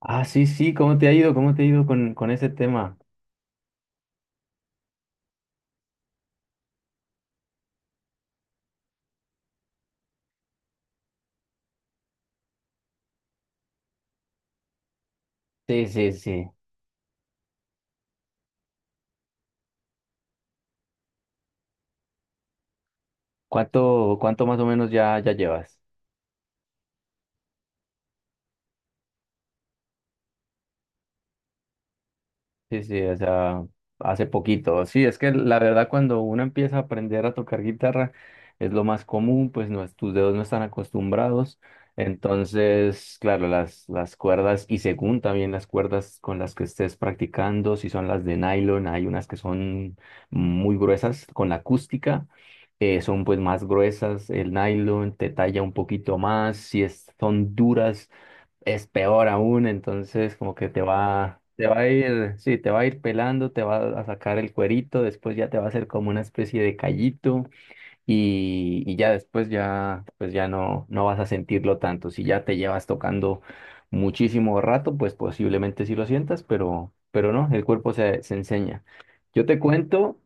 Ah, sí, sí, ¿cómo te ha ido? ¿Cómo te ha ido con ese tema? Sí, sí, sí. ¿Cuánto más o menos ya llevas? Sí, sí, o sea, hace poquito. Sí, es que la verdad cuando uno empieza a aprender a tocar guitarra es lo más común, pues no, tus dedos no están acostumbrados. Entonces, claro, las cuerdas, y según también las cuerdas con las que estés practicando, si son las de nylon, hay unas que son muy gruesas con la acústica. Son pues más gruesas, el nylon te talla un poquito más, si son duras es peor aún. Entonces, como que te va a ir, sí, te va a ir pelando, te va a sacar el cuerito, después ya te va a hacer como una especie de callito, y ya después ya, pues ya no vas a sentirlo tanto. Si ya te llevas tocando muchísimo rato, pues posiblemente sí lo sientas, pero, no, el cuerpo se enseña. Yo te cuento.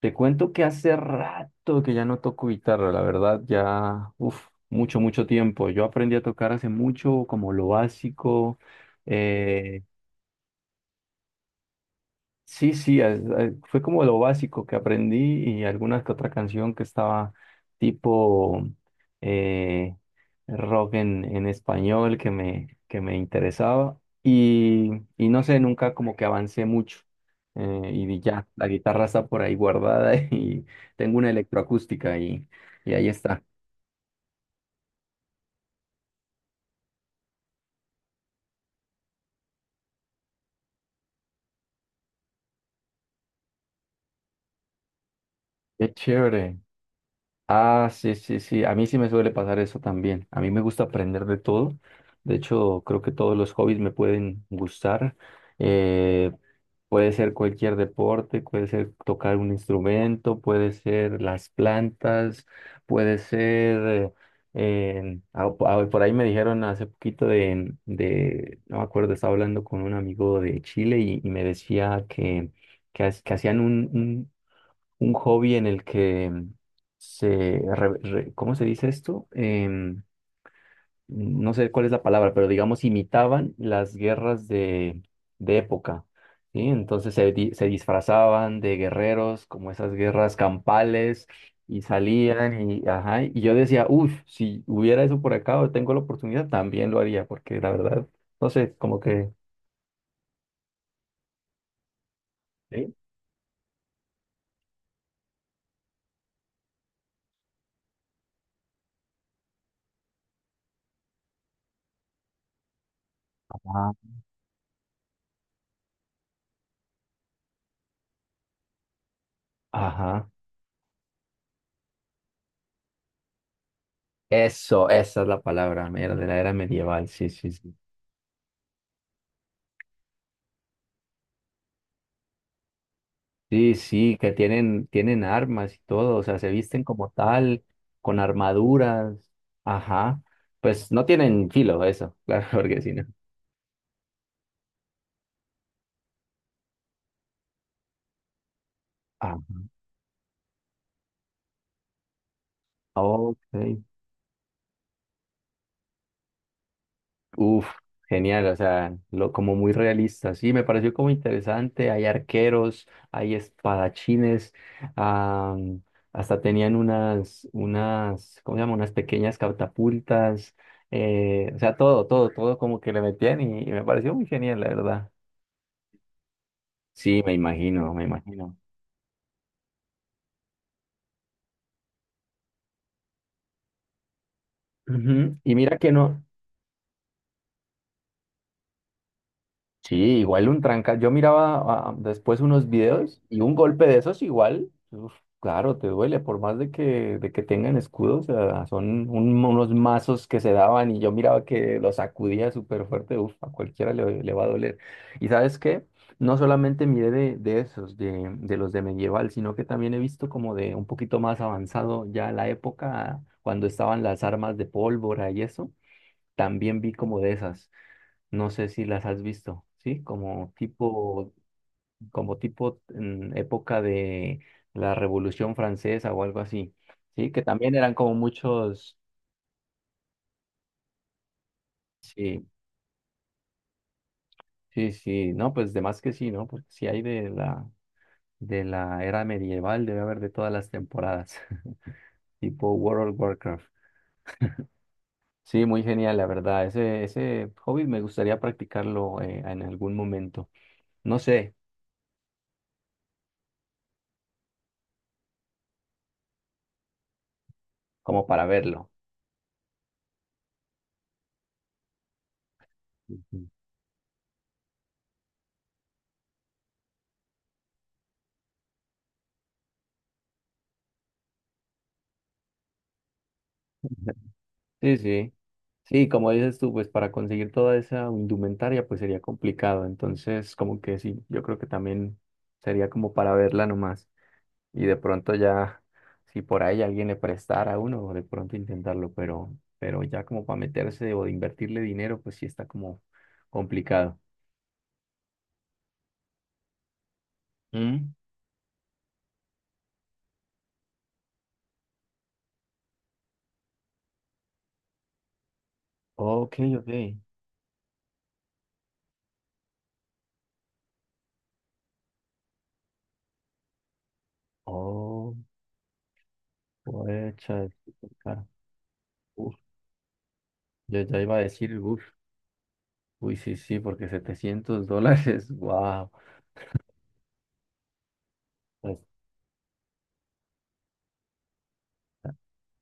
Te cuento que hace rato que ya no toco guitarra, la verdad, ya, uff, mucho, mucho tiempo. Yo aprendí a tocar hace mucho, como lo básico. eh, Sí, sí, fue como lo básico que aprendí y alguna que otra canción que estaba tipo eh, rock en español que me interesaba, y no sé, nunca como que avancé mucho. Y ya, la guitarra está por ahí guardada y tengo una electroacústica, y ahí está. Qué chévere. Ah, sí, sí, sí. A mí sí me suele pasar eso también. A mí me gusta aprender de todo. De hecho, creo que todos los hobbies me pueden gustar. Eh, puede ser cualquier deporte, puede ser tocar un instrumento, puede ser las plantas, puede ser... ah, po- ah, por ahí me dijeron hace poquito. No me acuerdo, estaba hablando con un amigo de Chile y me decía que hacían un hobby en el que ¿cómo se dice esto? No sé cuál es la palabra, pero digamos imitaban las guerras de época, ¿sí? Entonces, se disfrazaban de guerreros, como esas guerras campales, y salían y, ajá, y yo decía, uff, si hubiera eso por acá o tengo la oportunidad, también lo haría, porque la verdad, no sé, como que... Sí. Ajá. Ajá. Eso, esa es la palabra, mira, de la era medieval, sí, sí, sí. Sí, sí, que tienen armas y todo, o sea, se visten como tal, con armaduras, ajá, pues no tienen filo eso, claro, porque si no. Ah, ok, uf, genial, o sea, lo, como muy realista, sí, me pareció como interesante, hay arqueros, hay espadachines, ah, hasta tenían unas, ¿cómo se llama? Unas pequeñas catapultas. O sea, todo, todo, todo como que le metían, y me pareció muy genial, la verdad. Sí, me imagino, me imagino. Ujú, y mira que no, sí, igual un tranca. Yo miraba después unos videos y un golpe de esos igual, uf, claro, te duele, por más de que tengan escudos, o sea, son unos mazos que se daban y yo miraba que los sacudía súper fuerte, uf, a cualquiera le va a doler. ¿Y sabes qué? No solamente miré de esos, de los de medieval, sino que también he visto como de un poquito más avanzado ya la época cuando estaban las armas de pólvora y eso. También vi como de esas, no sé si las has visto, ¿sí? Como tipo, época de la Revolución Francesa o algo así, ¿sí? Que también eran como muchos, sí, sí, sí, no, pues de más que sí, ¿no? Porque si hay de la, era medieval, debe haber de todas las temporadas, tipo World of Warcraft. Sí, muy genial, la verdad. Ese hobby me gustaría practicarlo en algún momento. No sé, como para verlo. Ujú. Sí, sí. Sí, como dices tú, pues para conseguir toda esa indumentaria, pues sería complicado. Entonces, como que sí, yo creo que también sería como para verla nomás. Y de pronto ya, si por ahí alguien le prestara a uno, de pronto intentarlo, pero, ya como para meterse o de invertirle dinero, pues sí está como complicado. Mm, ok, ok. Oh, puecha, es súper caro. Uf, yo ya iba a decir, uf, uy, sí, sí, porque $700, wow.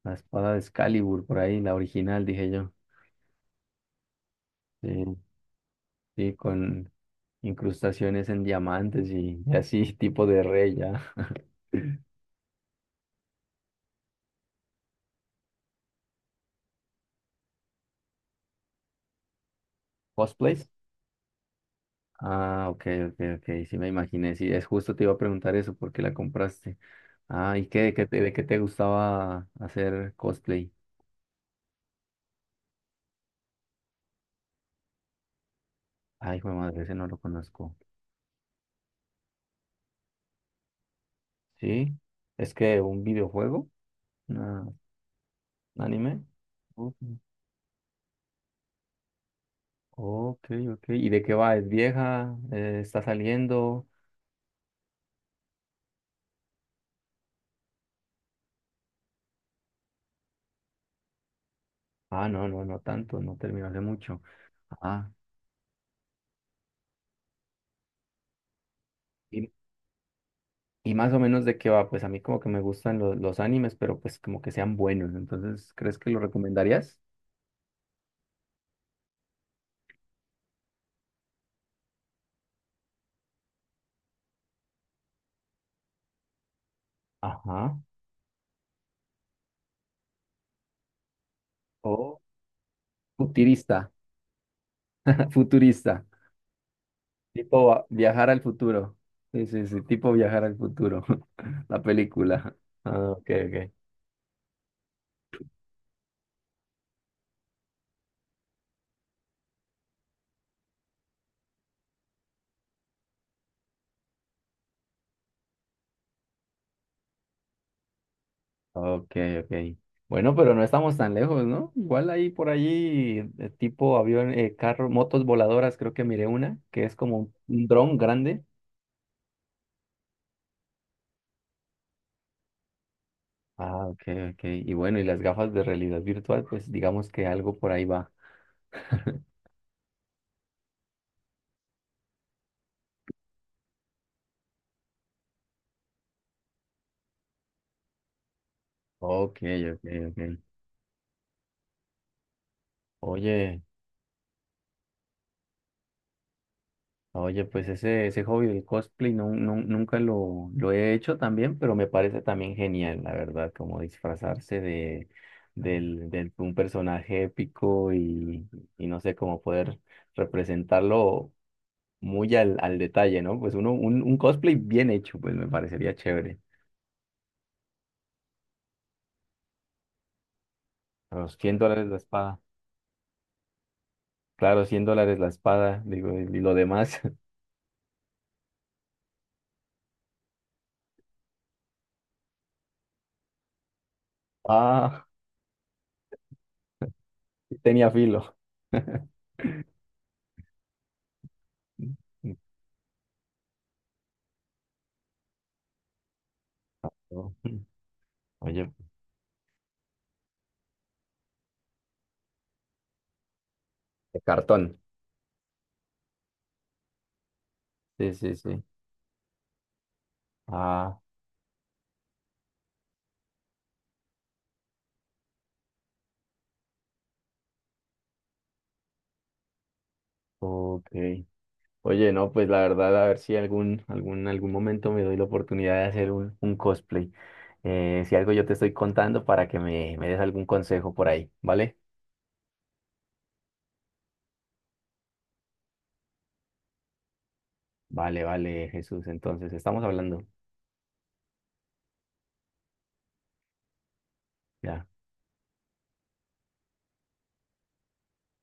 La espada de Excalibur, por ahí, la original, dije yo. Sí, sí, con incrustaciones en diamantes y así, tipo de rey ya. ¿Cosplays? Ah, ok, ok, ok, sí me imaginé. Sí, es justo te iba a preguntar eso, ¿por qué la compraste? Ah, ¿y qué, de qué te gustaba hacer cosplay? Ay, hijo de madre, ese no lo conozco. ¿Sí? ¿Es que un videojuego? ¿Una- ¿Un anime? Ujú. Ok, ok. ¿Y de qué va? ¿Es vieja? ¿Está saliendo? Ah, no, no, no tanto, no terminó hace mucho. Ah, y, y más o menos de qué va, pues a mí como que me gustan los animes, pero pues como que sean buenos. Entonces, ¿crees que lo recomendarías? Ajá. O futurista, futurista. Tipo viajar al futuro. Sí, sí, sí, tipo viajar al futuro. La película. Ah, ok, ok. Ok, ok. Bueno, pero no estamos tan lejos, ¿no? Igual ahí por allí, tipo avión, carro, motos voladoras, creo que miré una, que es como un dron grande. Ah, ok, ok. Y bueno, y las gafas de realidad virtual, pues digamos que algo por ahí va. Ok, ok, ok. Oye, oye, pues ese hobby del cosplay no, nunca lo he hecho también, pero me parece también genial, la verdad, como disfrazarse de un personaje épico, y no sé, cómo poder representarlo muy al detalle, ¿no? Pues un cosplay bien hecho, pues me parecería chévere. A los $100 la espada. Claro, $100 la espada, digo, y lo demás. Ah, sí tenía filo. Ah, no. Oye, de cartón. Sí, sí, sí. Ah, ok. Oye, no, pues la verdad, a ver si algún, algún momento me doy la oportunidad de hacer un cosplay. Si algo yo te estoy contando para que me des algún consejo por ahí, ¿vale? Vale, vale, Jesús. Entonces, estamos hablando. Ya